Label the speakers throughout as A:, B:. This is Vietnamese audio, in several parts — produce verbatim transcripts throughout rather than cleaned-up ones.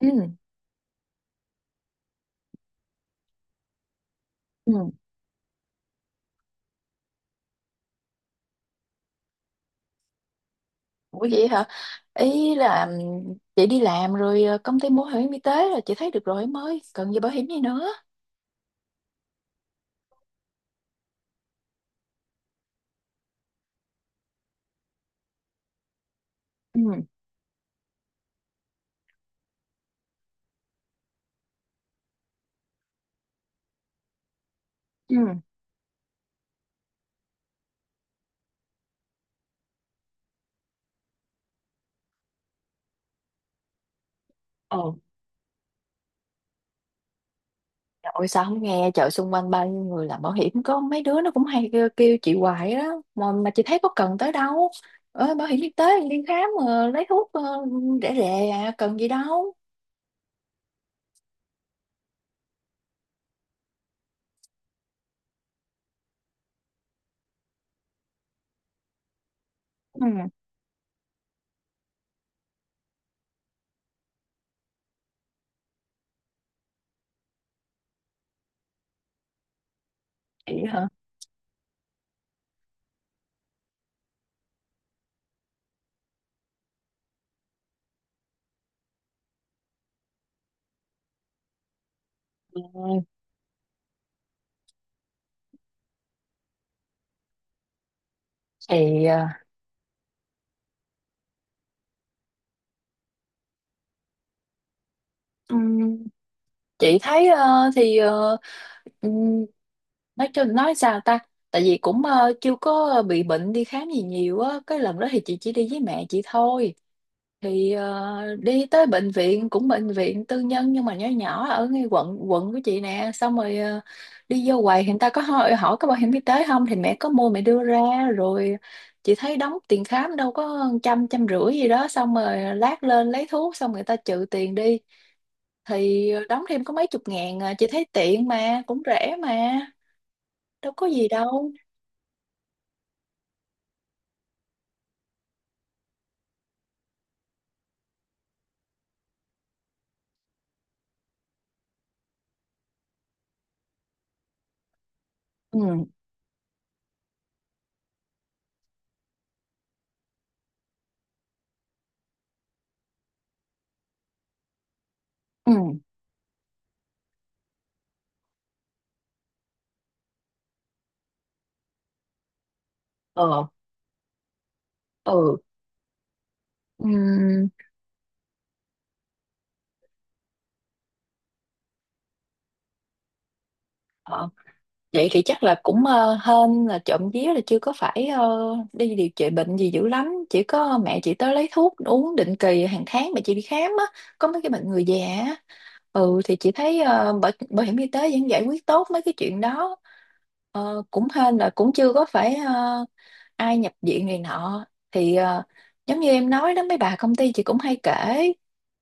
A: Ừ. Ừ. Ủa vậy hả? Ý là ừm, chị đi làm rồi, ờ, công ty mua bảo hiểm y tế là chị thấy được rồi em ơi, cần gì bảo hiểm gì nữa. Ừ. Ừ. Ồ, trời ơi, sao không nghe, chợ xung quanh bao nhiêu người làm bảo hiểm, có mấy đứa nó cũng hay kêu, kêu chị hoài đó, mà mà chị thấy có cần tới đâu. Ờ, bảo hiểm y tế đi khám, ờ, lấy thuốc, ờ, rẻ rẻ à, cần gì đâu. Ừ. Chị hả? Ừ, thì ờ, chị thấy, ờ, thì ờ, ừm, nói cho nói sao ta. Tại vì cũng ờ, chưa có bị bệnh đi khám gì nhiều á, cái lần đó thì chị chỉ đi với mẹ chị thôi, thì ờ, đi tới bệnh viện, cũng bệnh viện tư nhân nhưng mà nhỏ nhỏ, ở ngay quận quận của chị nè, xong rồi ờ, đi vô quầy thì người ta có hỏi, hỏi có bảo hiểm y tế không, thì mẹ có mua, mẹ đưa ra rồi. Chị thấy đóng tiền khám đâu có trăm, trăm rưỡi gì đó, xong rồi lát lên lấy thuốc xong người ta trừ tiền đi, thì đóng thêm có mấy chục ngàn à. Chị thấy tiện mà cũng rẻ mà, đâu có gì đâu. Ừ. Ừ. Ờ. Ừ. Ừ. Vậy thì chắc là cũng ờ, hên là trộm vía là chưa có phải ờ, đi điều trị bệnh gì dữ lắm. Chỉ có mẹ chị tới lấy thuốc uống định kỳ, hàng tháng mẹ chị đi khám á. Có mấy cái bệnh người già á. Ừ, thì chị thấy ờ, bảo, bảo hiểm y tế vẫn giải quyết tốt mấy cái chuyện đó. Ờ, cũng hên là cũng chưa có phải ờ, ai nhập viện này nọ. Thì ờ, giống như em nói đó, mấy bà công ty chị cũng hay kể,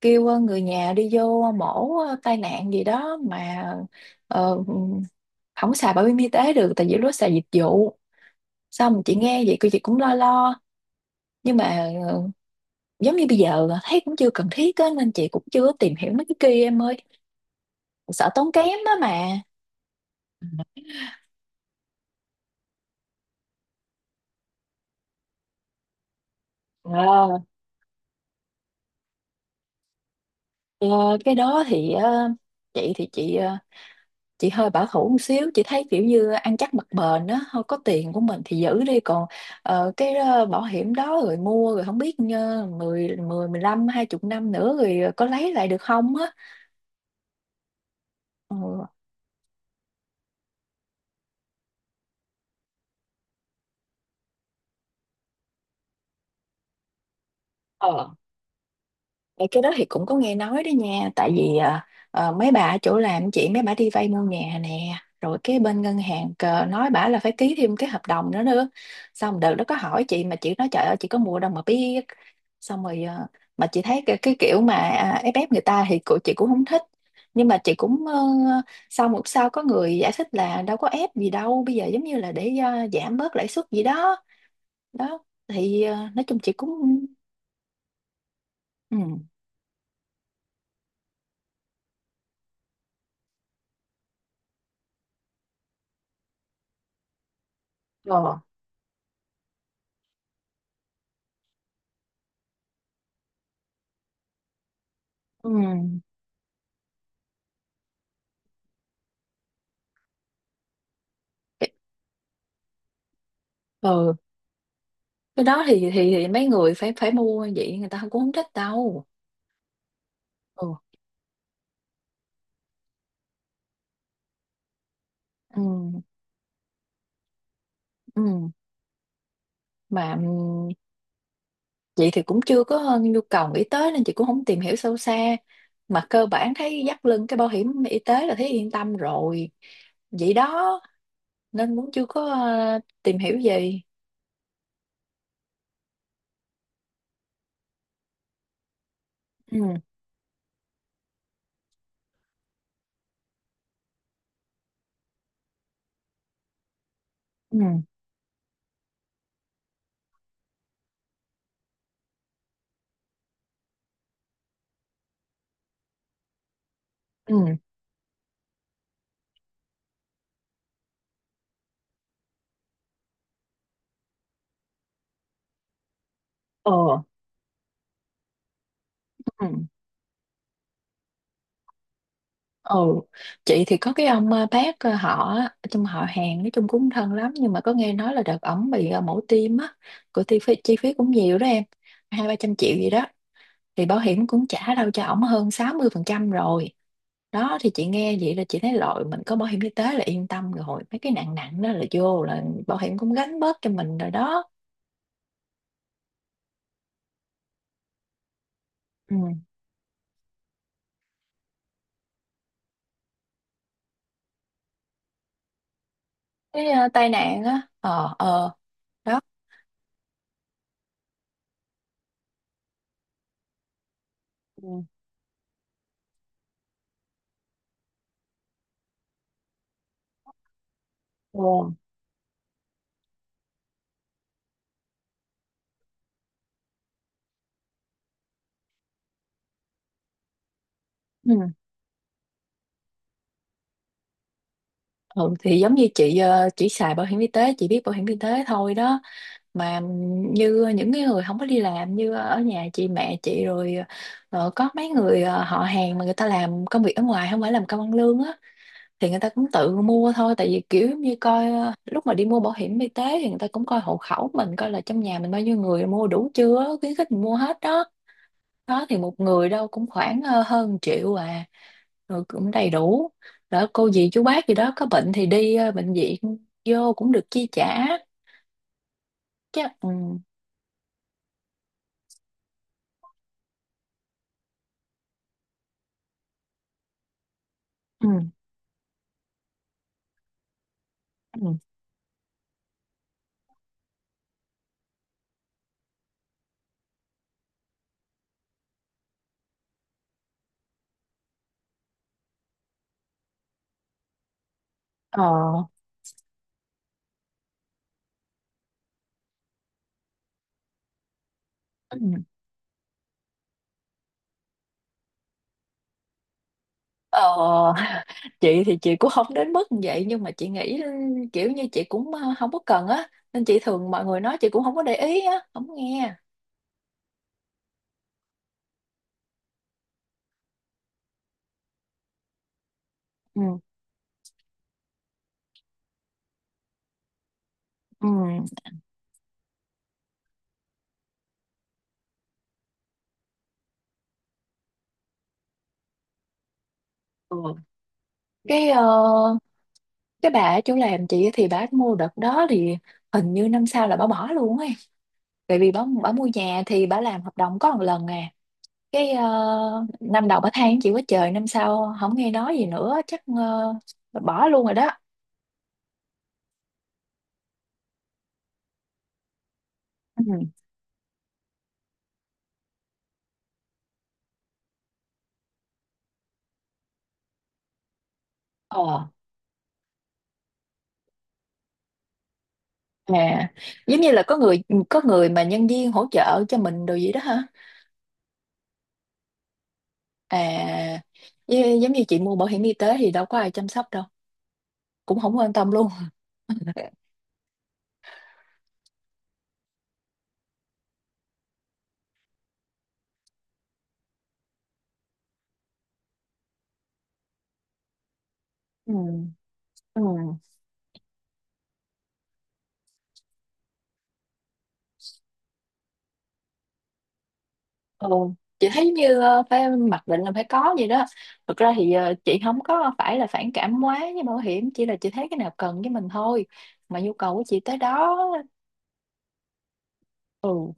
A: kêu ờ, người nhà đi vô mổ, ờ, tai nạn gì đó mà ờ, không xài bảo hiểm y tế được, tại vì lúc đó xài dịch vụ. Xong chị nghe vậy cô chị cũng lo lo, nhưng mà ờ, giống như bây giờ thấy cũng chưa cần thiết á, nên chị cũng chưa có tìm hiểu mấy cái kia em ơi, sợ tốn kém đó mà. Ờ, ờ, cái đó thì ờ, chị thì chị ờ, chị hơi bảo thủ một xíu, chị thấy kiểu như ăn chắc mặc bền đó, thôi có tiền của mình thì giữ đi, còn ờ, cái ờ, bảo hiểm đó, rồi mua rồi không biết uh, mười, mười mười lăm, hai chục năm nữa rồi có lấy lại được không á. Ừ. Ờ, cái đó thì cũng có nghe nói đó nha, tại vì à, à, mấy bà ở chỗ làm chị, mấy bà đi vay mua nhà nè, rồi cái bên ngân hàng cờ nói bả là phải ký thêm cái hợp đồng nữa nữa. Xong đợt đó có hỏi chị mà chị nói trời ơi chị có mua đâu mà biết, xong rồi à, mà chị thấy cái, cái kiểu mà à, ép ép người ta thì của chị cũng không thích, nhưng mà chị cũng ờ, sau một sau có người giải thích là đâu có ép gì đâu, bây giờ giống như là để à, giảm bớt lãi suất gì đó. Đó thì à, nói chung chị cũng. Ừ. Ờ. Ừ. Ừ, cái đó thì thì thì mấy người phải phải mua vậy người ta cũng không thích đâu. Ừ. Ừ. Ừ. Mà ừ, chị thì cũng chưa có nhu cầu nghĩ tới nên chị cũng không tìm hiểu sâu xa, mà cơ bản thấy dắt lưng cái bảo hiểm y tế là thấy yên tâm rồi, vậy đó, nên cũng chưa có ờ, tìm hiểu gì. Ừ. Ừ. Ừ. Ờ. Ừ. Ừ, chị thì có cái ông, ờ, bác, ờ, họ á, trong họ hàng nói chung cũng thân lắm, nhưng mà có nghe nói là đợt ổng bị ờ, mổ tim á, của chi phí chi phí cũng nhiều đó em, hai ba trăm triệu gì đó, thì bảo hiểm cũng trả đâu cho ổng hơn sáu mươi phần trăm rồi. Đó thì chị nghe vậy là chị thấy rồi, mình có bảo hiểm y tế là yên tâm rồi, mấy cái nặng nặng đó là vô là bảo hiểm cũng gánh bớt cho mình rồi đó. Ừ. Cái ờ, tai nạn á, ờ, ờ. Đó. Ừ. Ừ. Ừ, thì giống như chị ờ, chỉ xài bảo hiểm y tế, chị biết bảo hiểm y tế thôi đó, mà như những cái người không có đi làm, như ở nhà chị, mẹ chị rồi ờ, có mấy người ờ, họ hàng mà người ta làm công việc ở ngoài, không phải làm công ăn lương á, thì người ta cũng tự mua thôi, tại vì kiểu giống như coi, ờ, lúc mà đi mua bảo hiểm y tế thì người ta cũng coi hộ khẩu mình, coi là trong nhà mình bao nhiêu người, mua đủ chưa á, khuyến khích mình mua hết đó. Đó thì một người đâu cũng khoảng ờ, hơn triệu à, rồi cũng đầy đủ. Đó, cô dì chú bác gì đó có bệnh thì đi ờ, bệnh viện, vô cũng được chi trả chứ. Ừ. Ừ. Ừ. Ờ. Ừ. Ờ. Chị thì chị cũng không đến mức như vậy, nhưng mà chị nghĩ ừ, kiểu như chị cũng ờ, không có cần á, nên chị thường mọi người nói chị cũng không có để ý á, không nghe. Ừ. Ừ. Ừ. cái ờ, cái bà ở chỗ làm chị thì bà mua đợt đó, thì hình như năm sau là bà bỏ luôn ấy, tại vì bà, bà mua nhà thì bà làm hợp đồng có một lần à. cái ờ, Năm đầu bà than chịu quá trời, năm sau không nghe nói gì nữa, chắc ờ, bà bỏ luôn rồi đó. Ừ. Ờ. À. Giống như là có người có người mà nhân viên hỗ trợ cho mình đồ gì đó hả? À, gi- giống như chị mua bảo hiểm y tế thì đâu có ai chăm sóc đâu, cũng không quan tâm luôn. Ừ. Ừ. Ừ. Chị thấy như ờ, phải mặc định là phải có gì đó. Thực ra thì ờ, chị không có phải là phản cảm quá với bảo hiểm, chỉ là chị thấy cái nào cần với mình thôi, mà nhu cầu của chị tới đó. Ừ.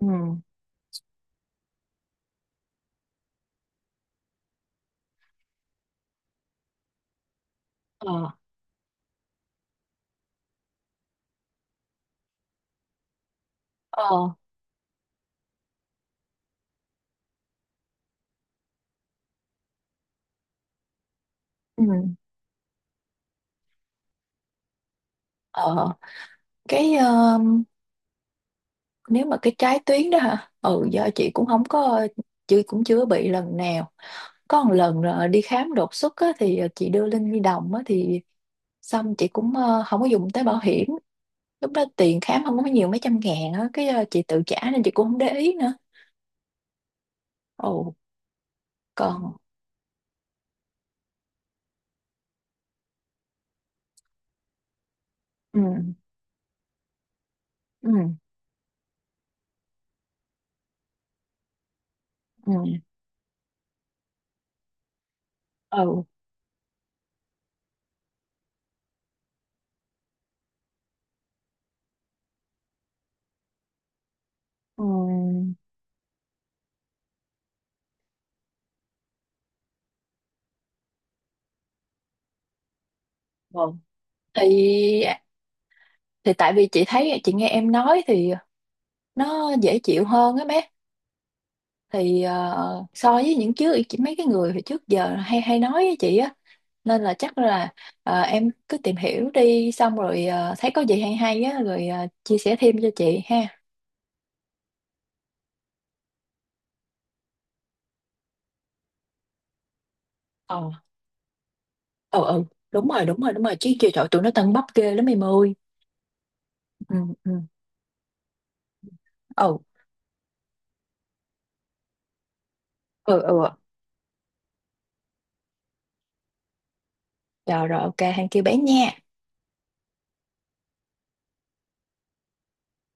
A: Ừ. Ờ. Ờ. Ừ. Ờ. Cái ờ, nếu mà cái trái tuyến đó hả, ừ, do chị cũng không có, chị cũng chưa bị lần nào. Có một lần ờ, đi khám đột xuất á, thì ờ, chị đưa Linh nhi đồng á, thì xong chị cũng ờ, không có dùng tới bảo hiểm, lúc đó tiền khám không có nhiều, mấy trăm ngàn á, cái ờ, chị tự trả nên chị cũng không để ý nữa. Ồ. Còn. Ừ. Ừ. Ừ. Ừ. Ừ. Vâng. Thì à, thì tại vì chị thấy, chị nghe em nói thì nó dễ chịu hơn á bé, thì ờ, so với những trước chị, mấy cái người hồi trước giờ hay hay nói với chị á, nên là chắc là ờ, em cứ tìm hiểu đi, xong rồi ờ, thấy có gì hay hay á, rồi ờ, chia sẻ thêm cho chị ha. Ờ. Ờ. Ờ. Đúng rồi, đúng rồi, đúng rồi, chứ trời trời, tụi nó tân bắp ghê lắm em ơi. Ừ. Ừ. Ừ. Ừ. Ừ. Rồi, rồi, ok hàng kia bán nha.